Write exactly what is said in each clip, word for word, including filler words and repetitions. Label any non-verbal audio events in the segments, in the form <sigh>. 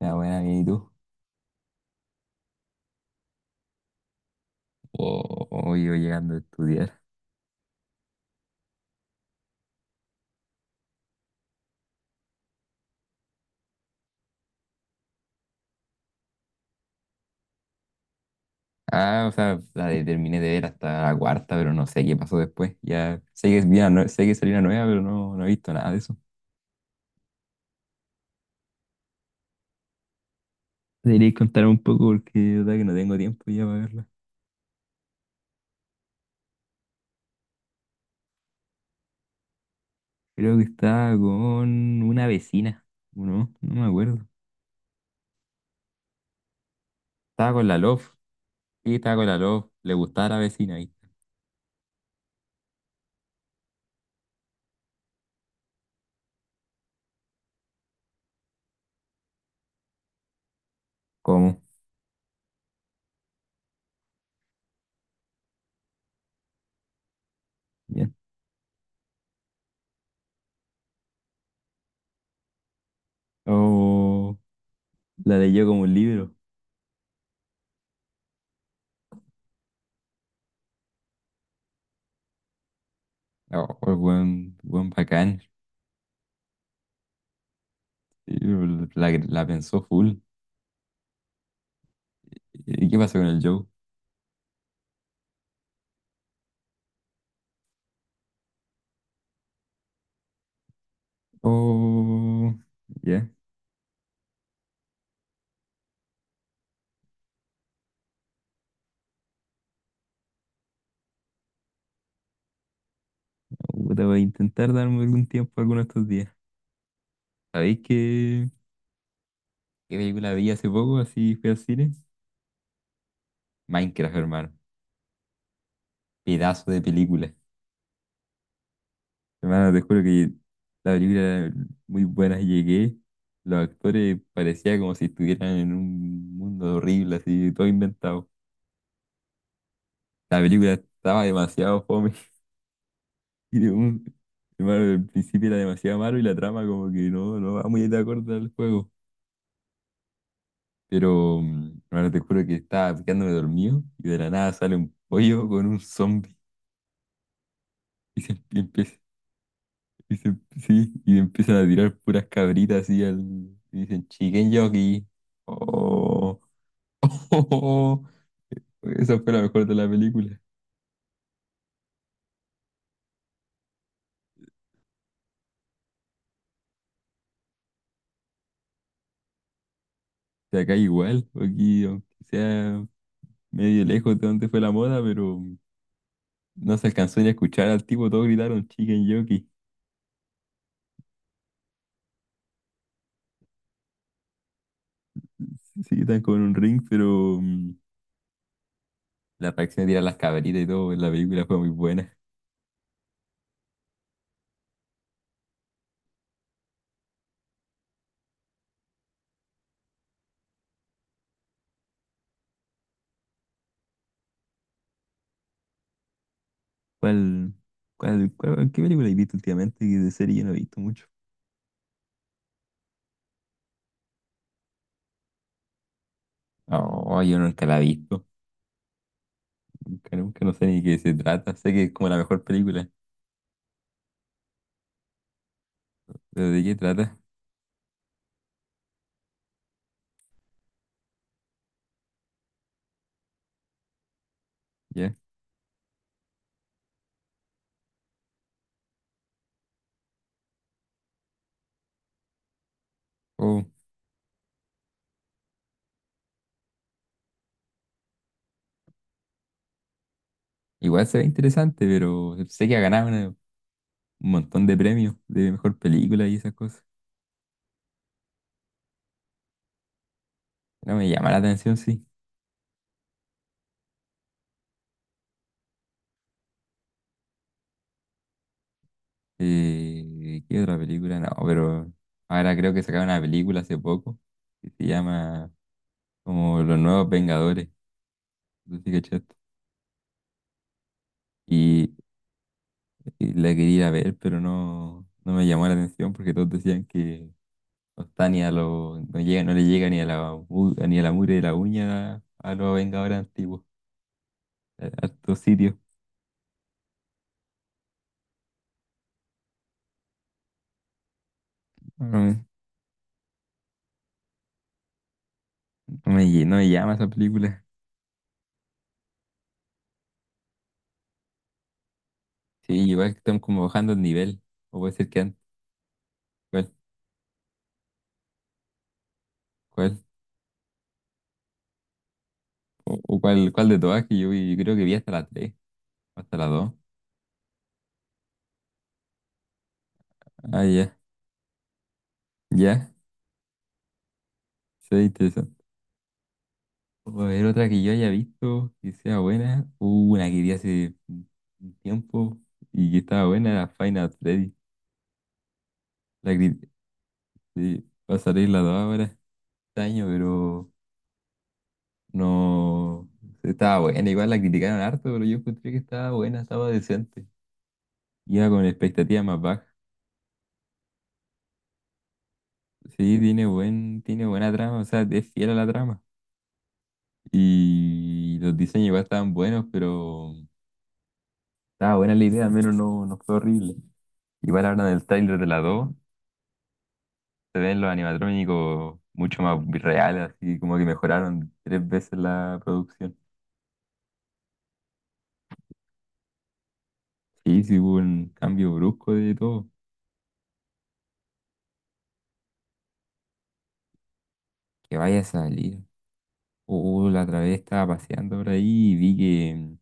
Ah, buena, bien, ¿y tú? O, o yo llegando a estudiar. Ah, o sea, la de- terminé de ver hasta la cuarta, pero no sé qué pasó después. Ya sé que, es bien, no, sé que salió una nueva, pero no, no he visto nada de eso. Deberíais contar un poco porque de verdad que no tengo tiempo ya para verla. Creo que estaba con una vecina, ¿o no? No me acuerdo. Estaba con la Love. Sí, estaba con la Love. Le gustaba la vecina ahí. ¿Cómo? Bien. Oh, la leyó como un libro. Oh, buen, buen bacán. Sí, La, la pensó full. ¿Y qué pasó con el Joe? Oh, ya. Puta, voy a intentar darme algún tiempo alguno de estos días. ¿Sabéis qué, qué película vi hace poco? Así fui al cine. Minecraft, hermano. Pedazo de película. Hermano, te juro que la película era muy buena. Llegué, los actores parecía como si estuvieran en un mundo horrible, así, todo inventado. La película estaba demasiado fome. <laughs> Y de un, Hermano, el principio era demasiado malo y la trama como que no, no va muy de acuerdo al juego. Pero mm, ahora te juro que estaba picándome dormido y de la nada sale un pollo con un zombie y se empie- empieza, y se- sí, y empiezan a tirar puras cabritas así al, y dicen chicken jockey. Oh, <laughs> esa fue la mejor de la película. O sea, acá igual, aquí aunque sea medio lejos de donde fue la moda, pero mm, no se alcanzó ni a escuchar al tipo, todos gritaron chicken jockey. Sí, están con un ring, pero mm, la reacción de tirar las cabritas y todo en la película fue muy buena. ¿Cuál, cuál, cuál- qué película has visto últimamente? Que de serie yo no he visto mucho. Oh, yo nunca la he visto. Nunca, nunca no sé ni de qué se trata. Sé que es como la mejor película. Pero ¿de qué trata? Ya. Oh, igual se ve interesante, pero sé que ha ganado una- un montón de premios de mejor película y esas cosas. No me llama la atención, sí. Eh, ¿qué otra película? No, pero ahora creo que sacaron una película hace poco que se llama como Los Nuevos Vengadores. No sé si cachaste. Y la quería ir a ver, pero no, no me llamó la atención porque todos decían que no está ni a los, no llega, no le llega ni a la mu- ni a la mugre de la uña a, a los Vengadores antiguos, a a estos sitios. No me, no me lle- no me llama esa película. Sí, igual que están como bajando el nivel. O puede ser que antes, ¿cuál, cuál? O, o cuál, cuál de todas que yo vi? Yo creo que vi hasta la tres hasta la dos. Ah, ya, ya, sí, interesante. O a ver, otra que yo haya visto que sea buena. Hubo una que vi hace un un tiempo y que estaba buena, era Final Freddy. La que eh, va a salir la dos ahora este año, pero no, estaba buena. Igual la criticaron harto, pero yo encontré que estaba buena, estaba decente. Iba con expectativas más bajas. Sí, tiene buen, tiene buena trama, o sea, es fiel a la trama. Y los diseños igual estaban buenos, pero estaba buena la idea, al menos no, no fue horrible. Igual hablan del tráiler de la dos. Se ven los animatrónicos mucho más reales, así como que mejoraron tres veces la producción. Sí, sí hubo un cambio brusco de todo. Que vaya a salir. Uh, la otra vez estaba paseando por ahí y vi que,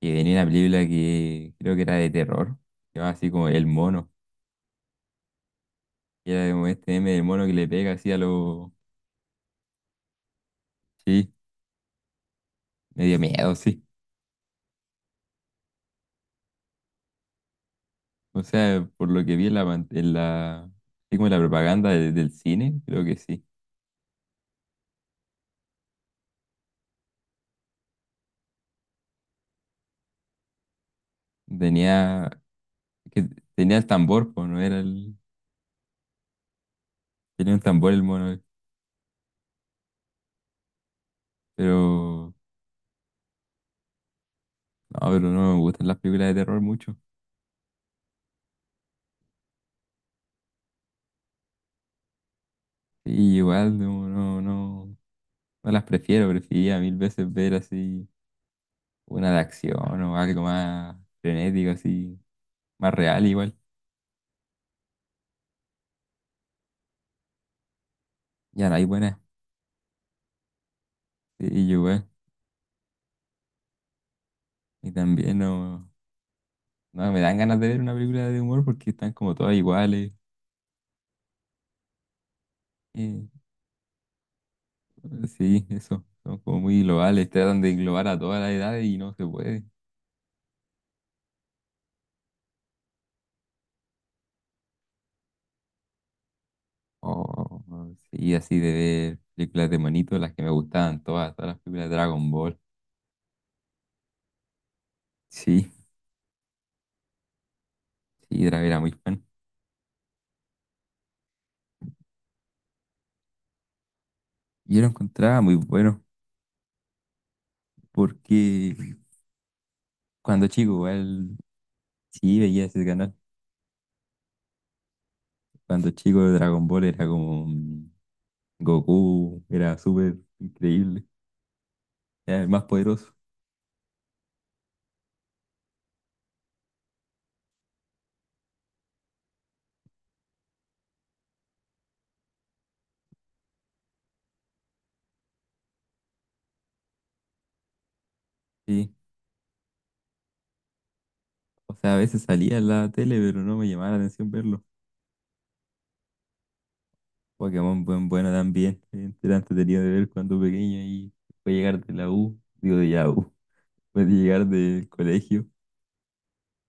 que venía una película que creo que era de terror. Que va así como El Mono. Que era como este meme del mono que le pega así a los... Sí, me dio miedo, sí. O sea, por lo que vi en la... pan- En la... así como en la propaganda de- del cine, creo que sí. Tenía que tenía el tambor, pues no era el. Tenía un tambor el mono, pero. No, pero no me gustan las películas de terror mucho. Sí, igual, no, no, no. No las prefiero, prefería mil veces ver así una de acción o algo más frenético, así, más real igual. Ya no hay buenas. Sí, yo igual. Y también no, no, me dan ganas de ver una película de humor porque están como todas iguales. Eh, sí, eso. Son como muy globales. Tratan de englobar a toda la edad y no se puede. Oh, sí, así de ver películas de monito, las que me gustaban todas, todas las películas de Dragon Ball. Sí, sí, era era muy fan. Yo lo encontraba muy bueno, porque cuando chico, igual, sí veía ese canal. Cuando chico, Dragon Ball era como mm, Goku, era súper increíble, era el más poderoso. Sí, o sea, a veces salía en la tele, pero no me llamaba la atención verlo. Pokémon, buen, bueno también, eh, era entretenido de ver cuando pequeño y fue llegar de la U, digo de Yahoo. Después de llegar del colegio,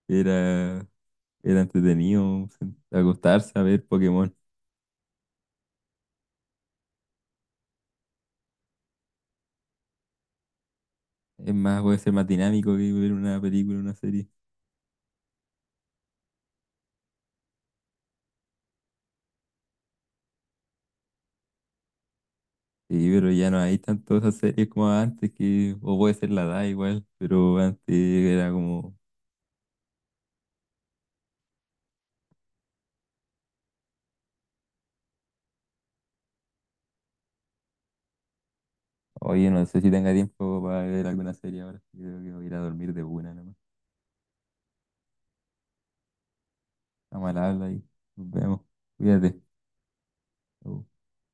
era, era, entretenido sen- acostarse a ver Pokémon. Es más, puede ser más dinámico que ver una película, una serie. Sí, pero ya no hay tanto esas series como antes, que, o puede ser la edad igual, pero antes era como, oye, no sé si tenga tiempo para ver alguna serie ahora. Yo creo que voy a ir a dormir de una nomás. Estamos mal habla y nos vemos. Cuídate. Chau.